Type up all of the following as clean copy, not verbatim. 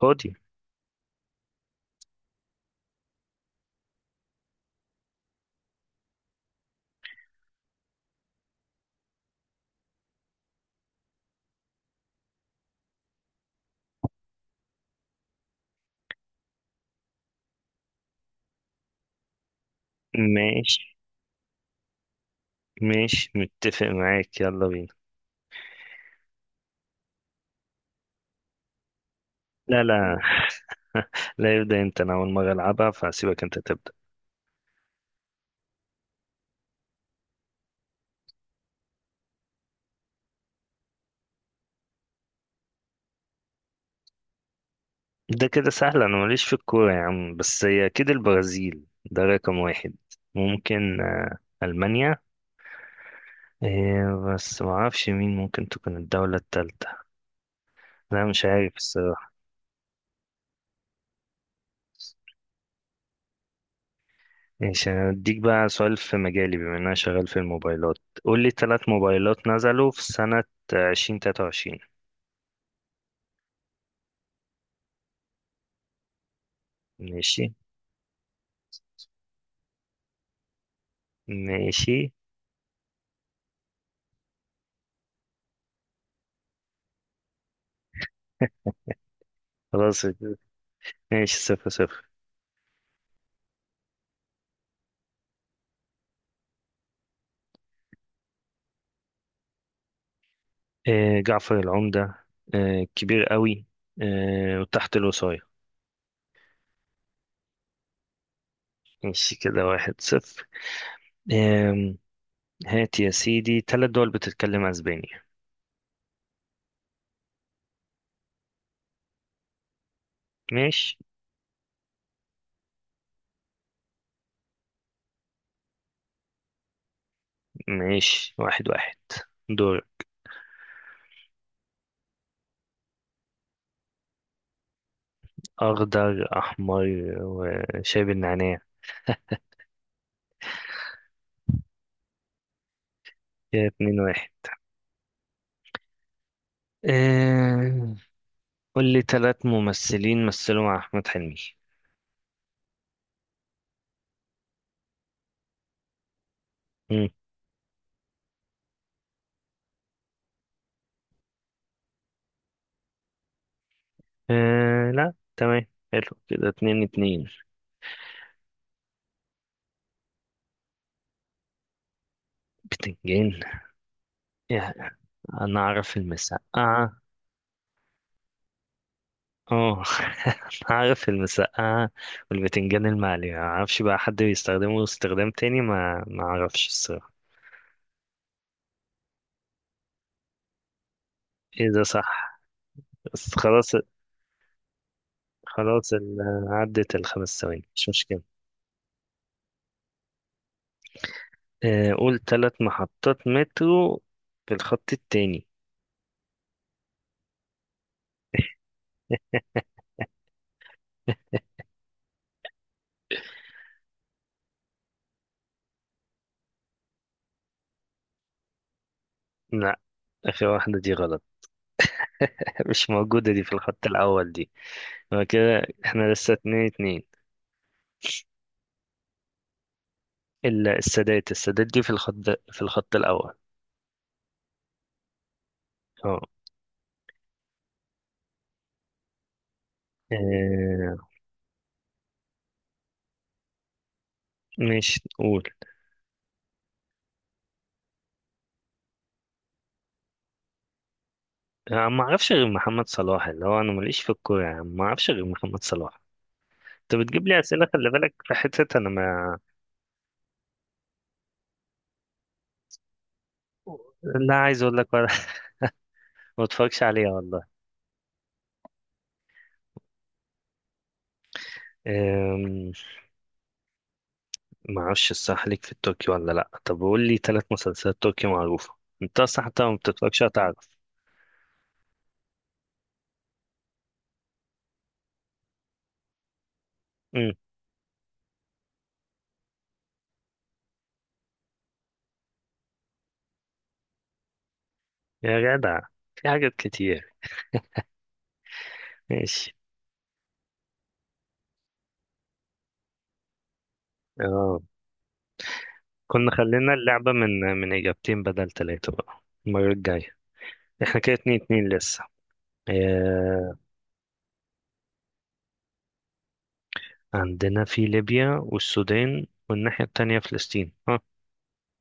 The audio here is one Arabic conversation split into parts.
فاضي. ماشي، ماشي، متفق معاك، يلا بينا. لا، لا. لا، يبدأ انت، انا اول مرة العبها فهسيبك انت تبدأ. ده كده سهل، انا ماليش في الكورة يا عم، بس هي اكيد البرازيل ده رقم واحد. ممكن المانيا. إيه، بس معرفش مين ممكن تكون الدولة التالتة. لا، مش عارف الصراحة. ماشي، أنا هديك بقى سؤال في مجالي بما إن أنا شغال في الموبايلات. قول لي تلات موبايلات نزلوا في سنة 2023. ماشي. ماشي. خلاص. ماشي، 0-0. آه، جعفر العمدة. آه، كبير قوي. آه، وتحت الوصاية. ماشي كده، 1-0. آه، هات يا سيدي ثلاث دول بتتكلم أسبانيا. ماشي. ماشي، 1-1. دور. أخضر، أحمر، وشايب النعناع. كده 2-1. آه، قول لي ثلاث ممثلين مثلوا مع أحمد حلمي. مم. آه، لا، تمام. حلو، كده 2-2. بتنجان. يا- انا اعرف المسقعه. اه. انا اعرف المسقعه والبتنجان المقلي، ما اعرفش بقى حد بيستخدمه استخدام تاني، ما اعرفش الصراحه. ايه، ده صح. بس خلاص. خلاص ال- عدت الخمس ثواني، مش مشكله. قول ثلاث محطات مترو في الخط التاني. لا، اخر واحده دي غلط. مش موجوده دي في الخط الاول دي. هو كده احنا لسه 2-2. السادات، السادات دي في الخط الاول. آه. مش قول. أنا ما أعرفش غير محمد صلاح، اللي هو أنا ماليش في الكورة، يعني ما أعرفش غير محمد صلاح. أنت بتجيب لي أسئلة، خلي بالك في حتة أنا ما. لا، عايز أقول لك ولا. ما أتفرجش عليها والله. آم، ما أعرفش الصح ليك في التركي ولا لأ، طب قول لي ثلاث مسلسلات تركي معروفة. أنت أصلا حتى ما بتتفرجش هتعرف. أمم، يا جدع، في حاجات كتير. ماشي. اه، كنا خلينا اللعبة من إجابتين بدل ثلاثة بقى المرة الجاية. احنا كده 2-2 لسه. آه، عندنا في ليبيا والسودان والناحية التانية فلسطين، ها.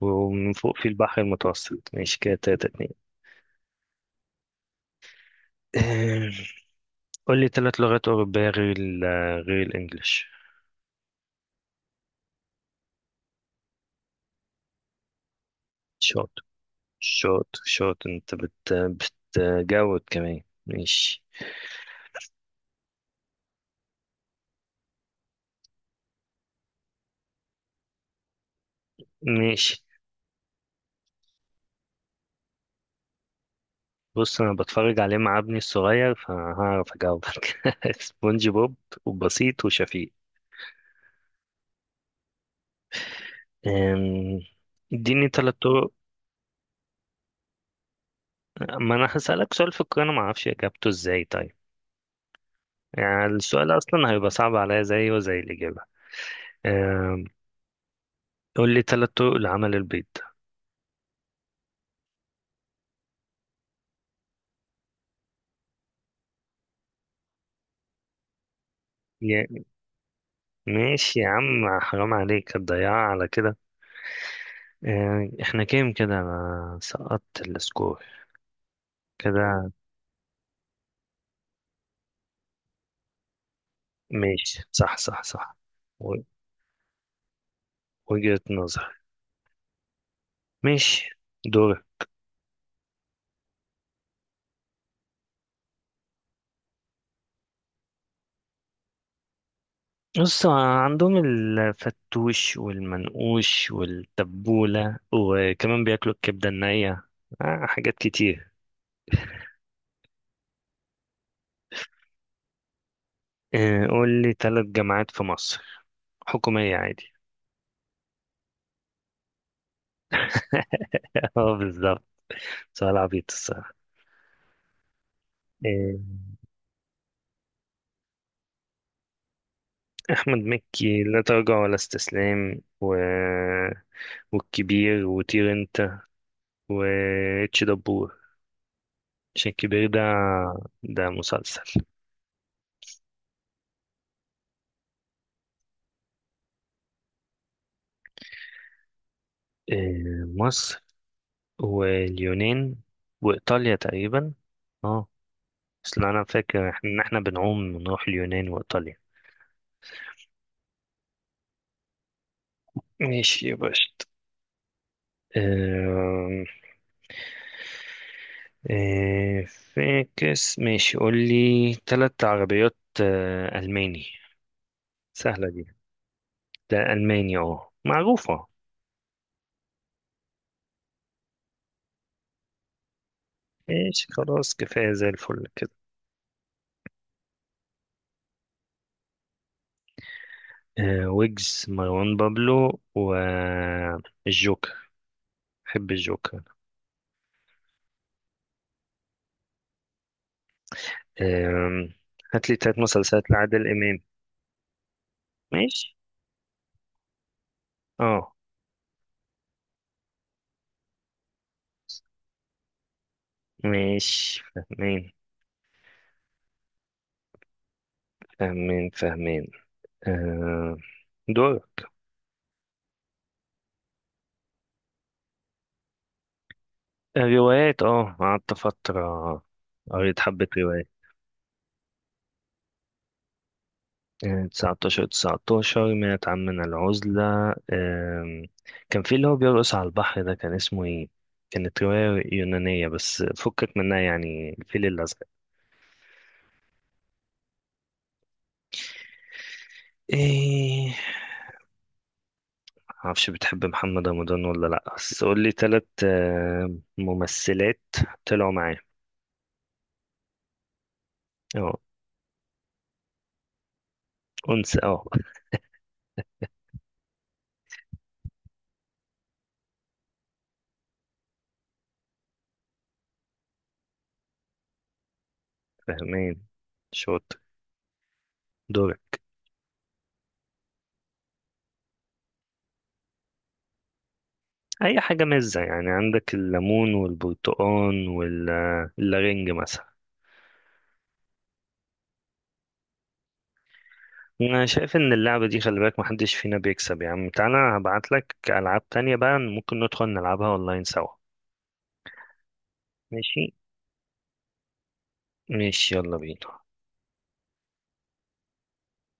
ومن فوق في البحر المتوسط، ماشي كده 3-2. آه، قول لي تلات لغات أوروبية غير غير الإنجليش. شاطر، شاطر شاطر، أنت بتجود كمان. ماشي. ماشي. بص، أنا بتفرج عليه مع ابني الصغير فهعرف أجاوبك. سبونج بوب وبسيط وشفيق. آم، اديني تلات طرق. ما انا هسألك سؤال في القراءة انا ما اعرفش اجابته ازاي، طيب؟ يعني السؤال اصلا هيبقى صعب عليا زيه وزي الاجابة. آم، قول لي ثلاث طرق لعمل البيض. يا ماشي يا عم، حرام عليك، هتضيعها على كده. آه، احنا كام كده، انا سقطت السكور كده. ماشي، صح صح صح. و- وجهة نظر. ماشي، دور. بص، عندهم الفتوش والمنقوش والتبولة، وكمان بياكلوا الكبدة النية. آه، حاجات كتير. آه، قول لي ثلاث جامعات في مصر حكومية عادي. اه، بالظبط، سؤال عبيط الصراحة. آه، أحمد مكي: لا تراجع ولا استسلام، والكبير وطير انت واتش دبور. عشان الكبير ده، ده مسلسل. آه، مصر واليونان وإيطاليا تقريبا. اه، اصل انا فاكر ان احنا بنعوم نروح اليونان وايطاليا. ماشي يا باشا. آه، إيه، فاكس، ماشي، قول لي ثلاث عربيات. آه، ألماني. سهلة دي. ده ألماني، اه، معروفة. ماشي خلاص، كفاية زي الفل كده. آه، ويجز، مروان بابلو، والجوكر. بحب الجوكر. آم، هات لي تلات مسلسلات لعادل إمام. ماشي. اه. ماشي، فاهمين، فاهمين فاهمين. آه، دور. الروايات، اه، قعدت فترة، قريت حبة روايات. آه، تسعتاشر تسعتاشر منعت عمنا العزلة. آم، كان في اللي هو بيرقص على البحر ده، كان اسمه ايه؟ كانت رواية يونانية بس فكك منها. يعني الفيل الأزرق. ايه، معرفش بتحب محمد رمضان ولا لأ، بس قولي تلت ممثلات طلعوا معاه. اه. أنس، اه. فاهمين، شاطر، دور. اي حاجه مزه، يعني عندك الليمون والبرتقال والرنج مثلا. انا شايف ان اللعبه دي، خلي بالك محدش فينا بيكسب، يا عم تعالى هبعت لك العاب تانية بقى، ممكن ندخل نلعبها اونلاين سوا. ماشي، ماشي يلا بينا.